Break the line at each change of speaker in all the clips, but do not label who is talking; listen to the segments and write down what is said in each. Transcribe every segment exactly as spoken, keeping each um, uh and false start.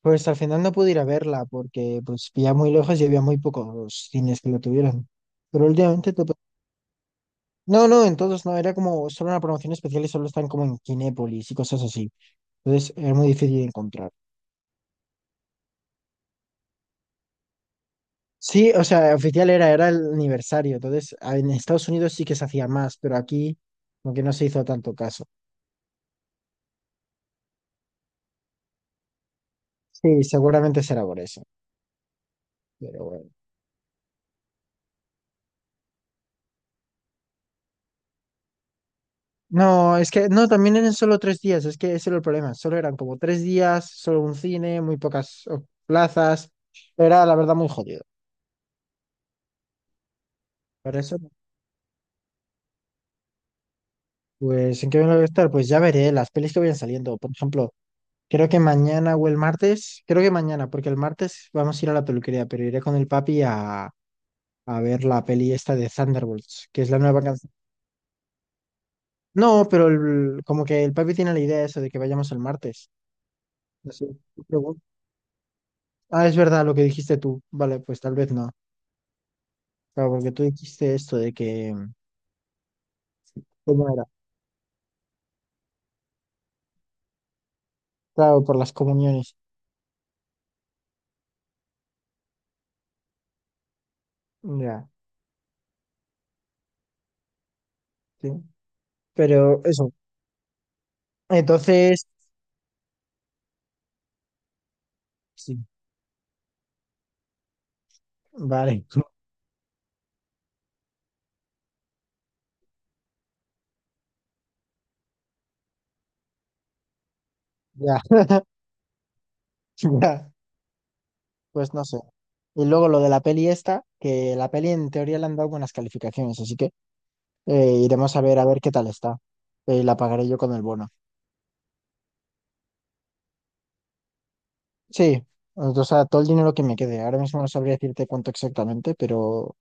Pues al final no pude ir a verla porque pues ya muy lejos y había muy pocos cines que lo tuvieran. Pero últimamente... te- No, no, en todos no, era como solo una promoción especial y solo están como en Kinépolis y cosas así. Entonces era muy difícil de encontrar. Sí, o sea, oficial era, era el aniversario. Entonces a- en Estados Unidos sí que se hacía más, pero aquí como que no se hizo tanto caso. Sí, seguramente será por eso. Pero bueno. No, es que no, también eran solo tres días, es que ese era el problema, solo eran como tres días, solo un cine, muy pocas oh, plazas, era la verdad muy jodido. Por eso, pues, ¿en qué me voy a estar? Pues ya veré las pelis que vayan saliendo, por ejemplo, creo que mañana o el martes, creo que mañana, porque el martes vamos a ir a la peluquería, pero iré con el papi a, a ver la peli esta de Thunderbolts, que es la nueva canción. No, pero el- como que el papi tiene la idea de eso, de que vayamos el martes. Así, luego- Ah, es verdad lo que dijiste tú, vale, pues tal vez no. Claro, porque tú dijiste esto de que, ¿cómo era? Claro, por las comuniones. Ya, sí. Pero eso, entonces, sí, vale, ya, ya, pues no sé. Y luego lo de la peli esta, que la peli en teoría le han dado buenas calificaciones, así que eh, iremos a ver a ver qué tal está. Eh, la pagaré yo con el bono. Sí, o sea, todo el dinero que me quede. Ahora mismo no sabría decirte cuánto exactamente, pero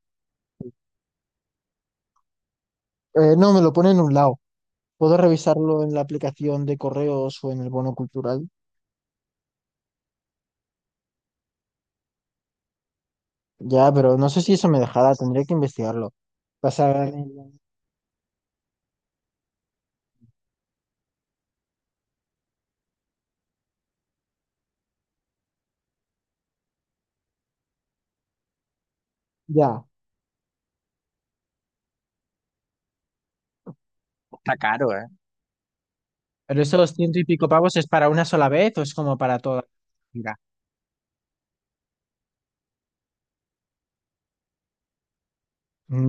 eh, no, me lo pone en un lado. Puedo revisarlo en la aplicación de correos o en el bono cultural. Ya, pero no sé si eso me dejará, tendría que investigarlo. Pasar en- Ya. Está caro, ¿eh? ¿Pero esos ciento y pico pavos es para una sola vez o es como para toda la vida?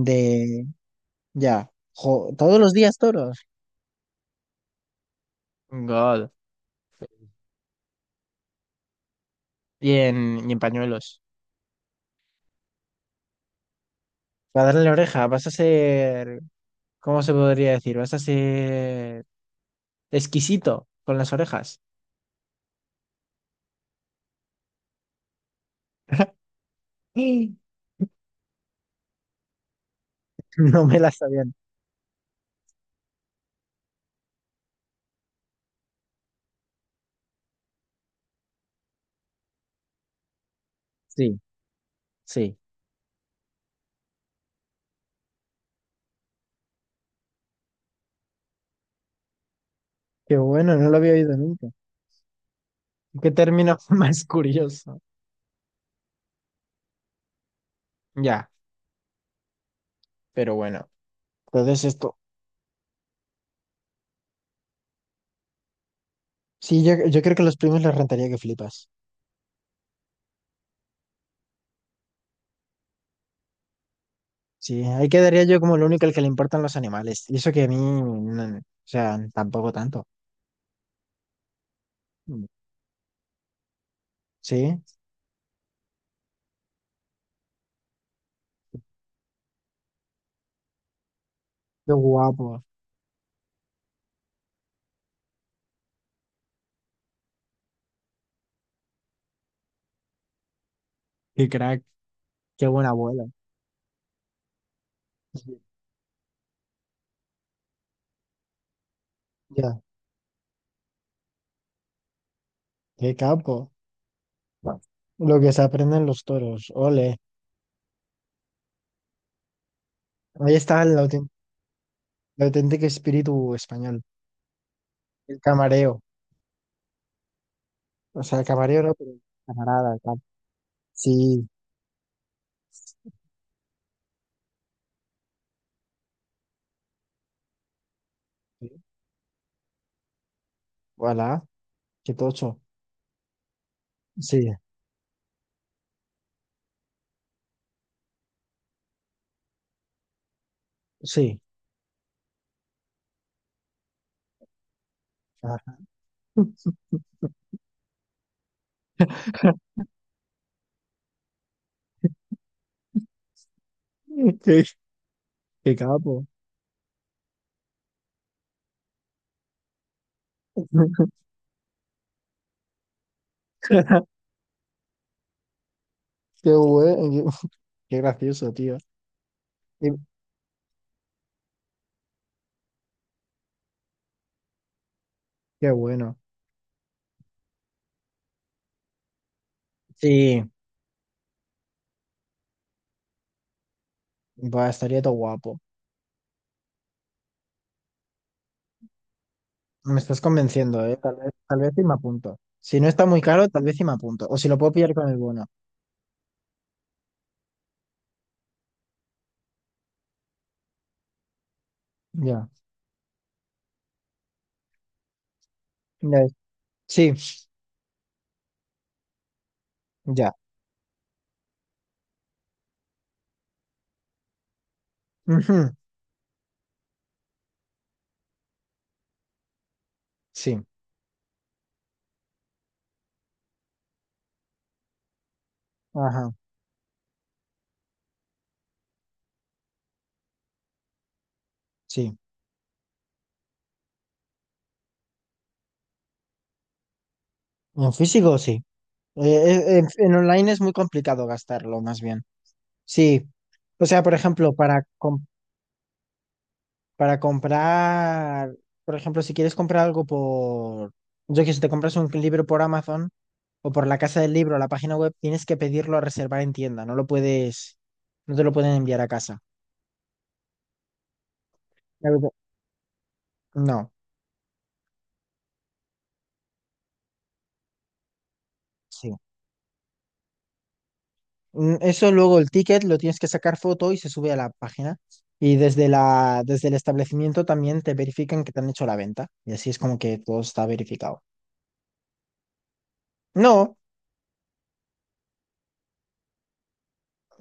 De... Ya. Jo, ¿todos los días toros? God. Y en, y en pañuelos. Para darle la oreja, vas a ser... ¿Cómo se podría decir? Vas a ser exquisito con las orejas. Sí. No me las sabían. Sí, sí. Qué bueno, no lo había oído nunca. Qué término más curioso. Ya, pero bueno. Entonces esto, sí, yo, yo creo que a los primos les rentaría que flipas. Sí, ahí quedaría yo como el único al que le importan los animales. Y eso que a mí, no- o sea, tampoco tanto. Mm, sí, qué guapo, qué crack, qué buen abuelo. Sí, ya, qué capo. Lo que se aprenden los toros, ole. Ahí está el, auténtico, el auténtico espíritu español, el camareo. O sea, camarero, no, pero camarada, tal. Sí, voilà, qué tocho. Sí, sí. Ah, qué, qué capo. Qué bueno, qué, qué gracioso, tío. Qué, qué bueno. Sí, va, estaría todo guapo. Me estás convenciendo, ¿eh? Tal vez, tal vez y me apunto. Si no está muy caro, tal vez y me apunto. O si lo puedo pillar con el bono. Ya. Ya es- Sí, ya. Ujú, sí. Ajá. Sí. En físico, sí. Eh, eh, en, en online es muy complicado gastarlo, más bien. Sí. O sea, por ejemplo, para, com- Para comprar, por ejemplo, si quieres comprar algo por, yo que sé, te compras un libro por Amazon o por la casa del libro, la página web, tienes que pedirlo a reservar en tienda, no lo puedes, no te lo pueden enviar a casa. La verdad- No, sí. Mm, eso luego el ticket lo tienes que sacar foto y se sube a la página. Y desde la, desde el establecimiento también te verifican que te han hecho la venta. Y así es como que todo está verificado. No.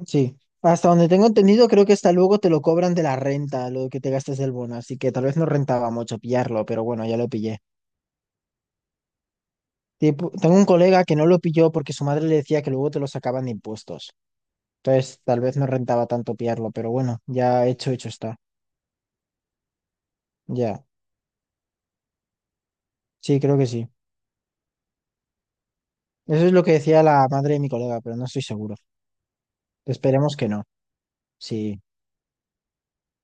Sí, hasta donde tengo entendido, creo que hasta luego te lo cobran de la renta, lo que te gastes del bono, así que tal vez no rentaba mucho pillarlo, pero bueno, ya lo pillé. Tipo, tengo un colega que no lo pilló porque su madre le decía que luego te lo sacaban de impuestos. Entonces, tal vez no rentaba tanto pillarlo, pero bueno, ya hecho, hecho está. Ya, sí, creo que sí. Eso es lo que decía la madre de mi colega, pero no estoy seguro. Esperemos que no. Sí.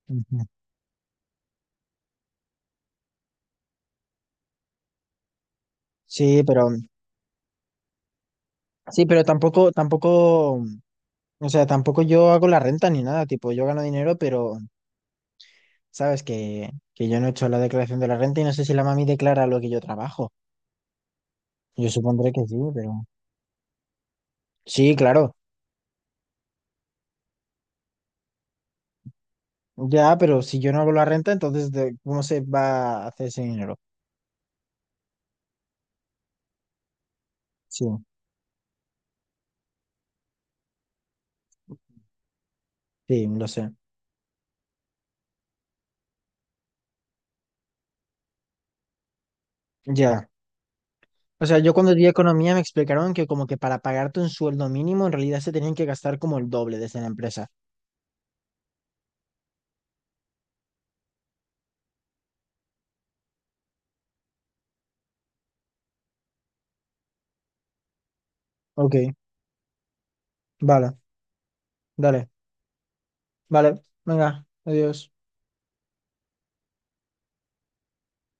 Ujú. Sí, pero sí, pero tampoco, tampoco, o sea, tampoco yo hago la renta ni nada, tipo, yo gano dinero, pero sabes que, que yo no he hecho la declaración de la renta y no sé si la mami declara lo que yo trabajo. Yo supondré que sí, pero... Sí, claro. Ya, pero si yo no hago la renta, entonces ¿de ¿cómo se va a hacer ese dinero? Sí, sí, lo sé. Ya. O sea, yo cuando di economía me explicaron que como que para pagarte un sueldo mínimo en realidad se tenían que gastar como el doble desde la empresa. Ok, vale, dale, vale, venga, adiós.